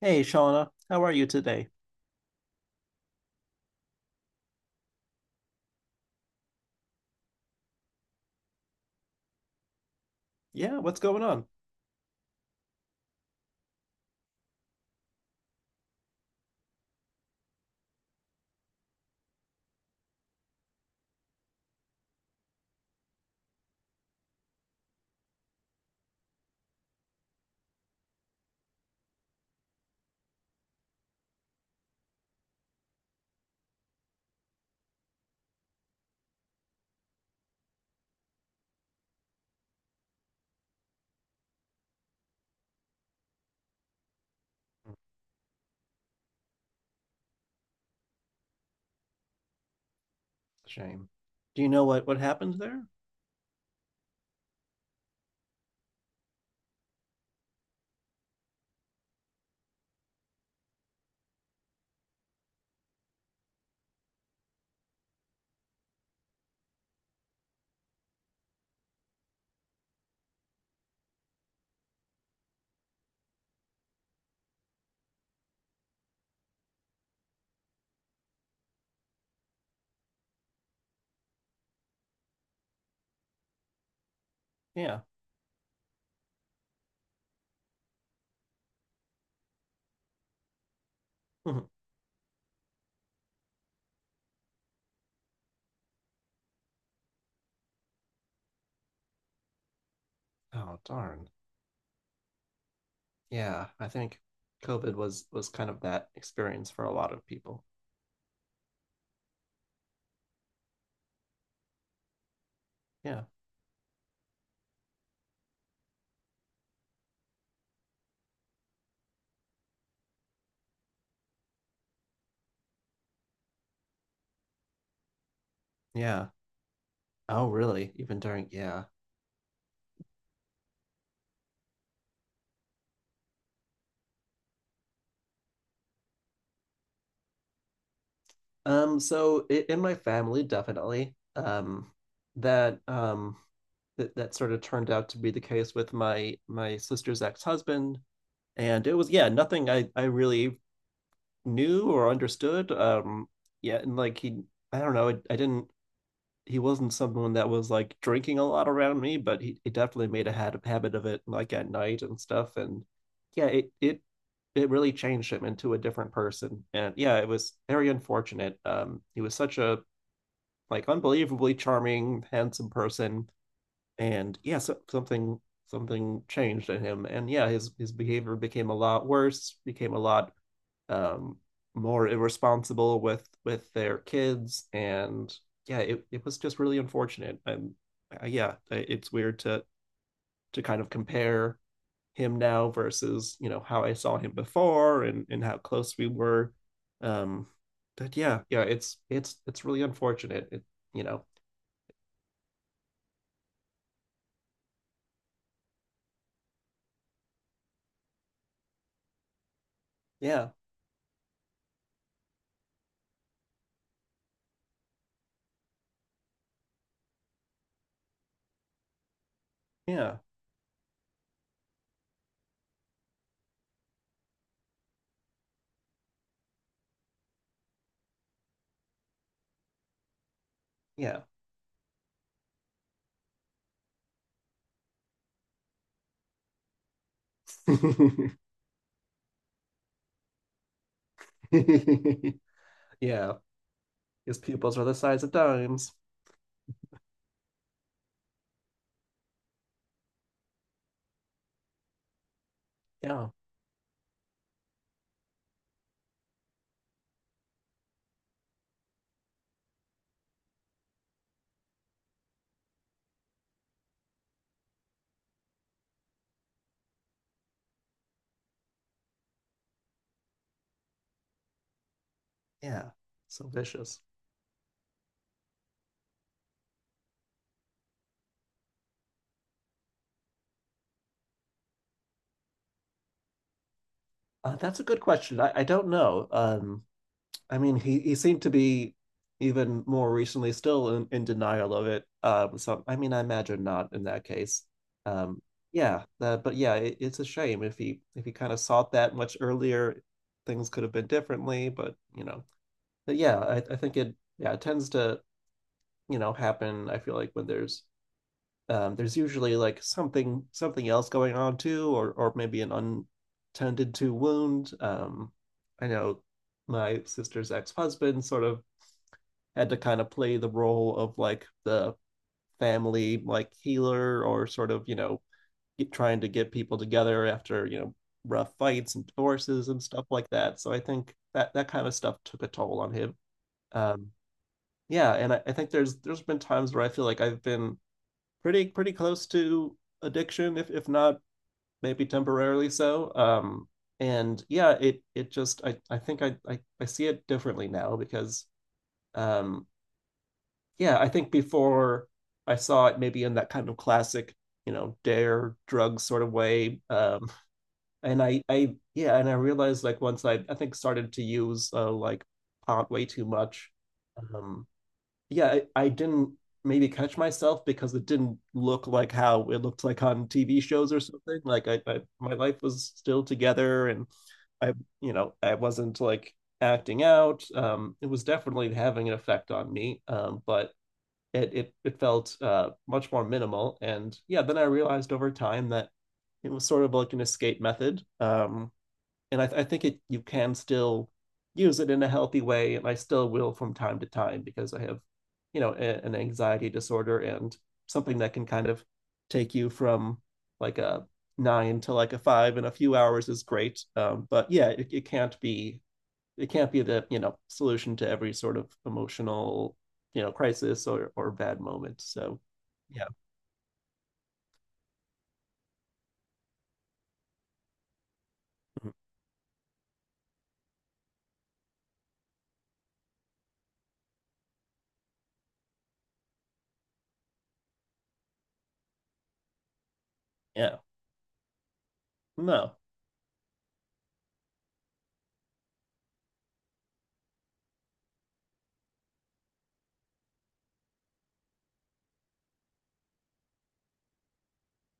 Hey, Shauna, how are you today? Yeah, what's going on? Shame. Do you know what happened there? Yeah. Mhm. Oh, darn. Yeah, I think COVID was kind of that experience for a lot of people. Yeah. Yeah. Oh, really? Even during, yeah. So I in my family, definitely, that that sort of turned out to be the case with my sister's ex-husband. And it was, yeah, nothing I really knew or understood. Yeah, and like I don't know, I didn't. He wasn't someone that was like drinking a lot around me, but he definitely habit of it, like at night and stuff. And yeah, it it really changed him into a different person. And yeah, it was very unfortunate. He was such a like unbelievably charming, handsome person, and yeah, so, something changed in him. And yeah, his behavior became a lot worse, became a lot um, more irresponsible with their kids, and yeah, it was just really unfortunate. And yeah, it's weird to kind of compare him now versus you know how I saw him before and how close we were. Um, but yeah, it's really unfortunate. It, you know, yeah, yeah, yeah. Yeah, his pupils are the size of dimes. Yeah, yeah, so vicious. That's a good question. I don't know. I mean, he seemed to be even more recently still in denial of it. So I mean, I imagine not in that case. Um, yeah, but yeah, it's a shame if he kind of sought that much earlier, things could have been differently. But you know, but yeah, I think it yeah it tends to you know happen. I feel like when there's usually like something else going on too, or maybe an untended to wound. I know my sister's ex husband sort of had to kind of play the role of like the family like healer or sort of you know trying to get people together after you know rough fights and divorces and stuff like that. So I think that kind of stuff took a toll on him. Um, yeah, and I think there's been times where I feel like I've been pretty close to addiction, if not maybe temporarily so. And yeah, it just I think I see it differently now because um, yeah, I think before I saw it maybe in that kind of classic you know dare drug sort of way and I yeah and I realized like once I think started to use like pot way too much um yeah, I didn't maybe catch myself because it didn't look like how it looked like on TV shows or something. Like I my life was still together and I, you know, I wasn't like acting out. It was definitely having an effect on me. But it it felt much more minimal. And yeah, then I realized over time that it was sort of like an escape method. And I think it you can still use it in a healthy way, and I still will from time to time because I have, you know, an anxiety disorder and something that can kind of take you from like a nine to like a five in a few hours is great. But yeah, it can't be the, you know, solution to every sort of emotional, you know, crisis or bad moment. So yeah. Mhm. Yeah, no,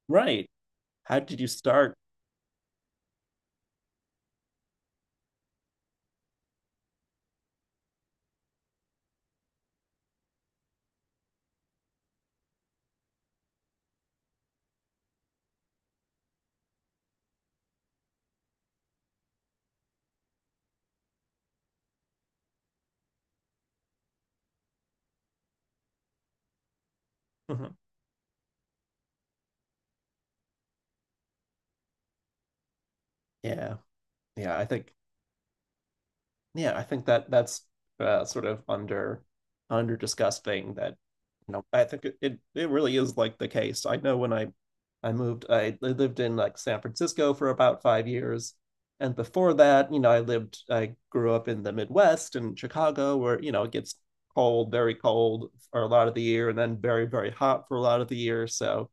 right. How did you start? Mhm. Yeah, yeah, I think. Yeah, I think that that's sort of under under discussed thing that you know I think it it really is like the case. I know when I moved I lived in like San Francisco for about 5 years, and before that, you know, I lived I grew up in the Midwest in Chicago where you know it gets cold, very cold for a lot of the year, and then very hot for a lot of the year. So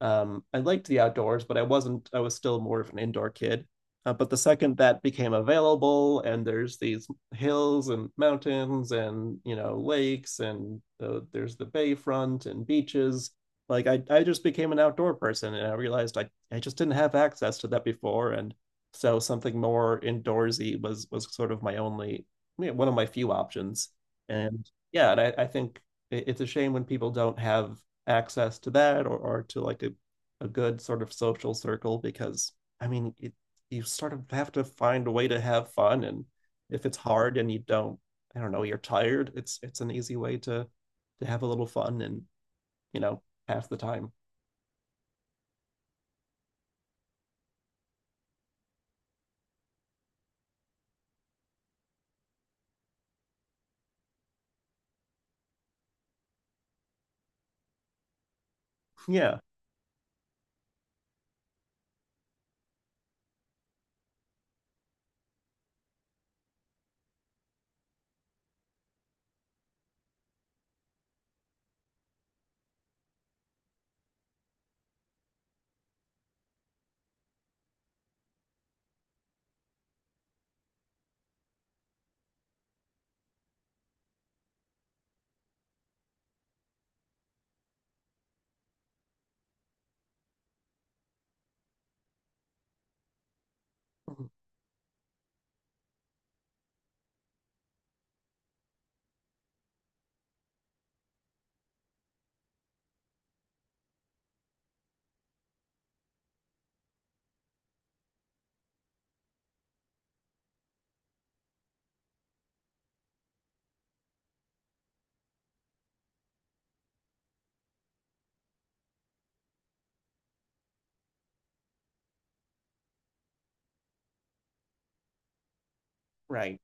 I liked the outdoors, but I wasn't I was still more of an indoor kid but the second that became available, and there's these hills and mountains and you know lakes and there's the bayfront and beaches. Like I just became an outdoor person, and I realized I just didn't have access to that before, and so something more indoorsy was sort of my only you know, one of my few options. And yeah, and I think it's a shame when people don't have access to that or to like a good sort of social circle because I mean you sort of have to find a way to have fun and if it's hard and you don't I don't know you're tired it's an easy way to have a little fun and you know half the time yeah right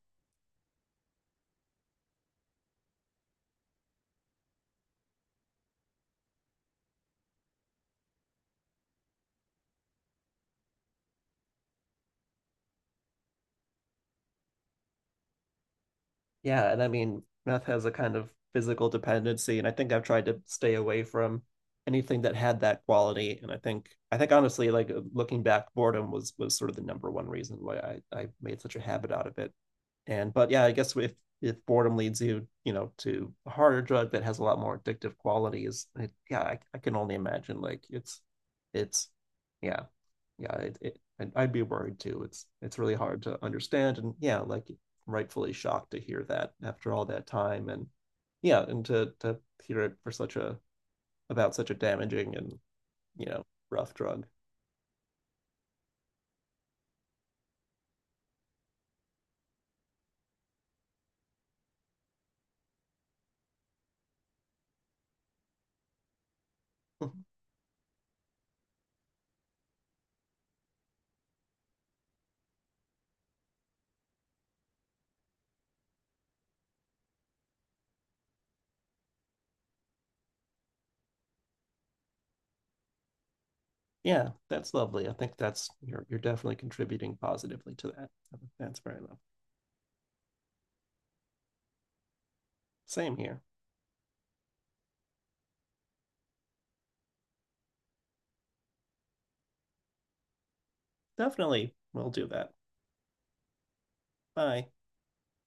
yeah and I mean meth has a kind of physical dependency and I think I've tried to stay away from anything that had that quality and I think honestly like looking back boredom was sort of the number one reason why I made such a habit out of it. And but yeah, I guess if boredom leads you, you know, to a harder drug that has a lot more addictive qualities, yeah, I can only imagine like it's yeah it I'd be worried too. It's really hard to understand, and yeah, like rightfully shocked to hear that after all that time, and yeah, and to hear it for such a about such a damaging and you know rough drug. Yeah, that's lovely. I think that's you're definitely contributing positively to that. That's very lovely. Same here. Definitely. We'll do that. Bye.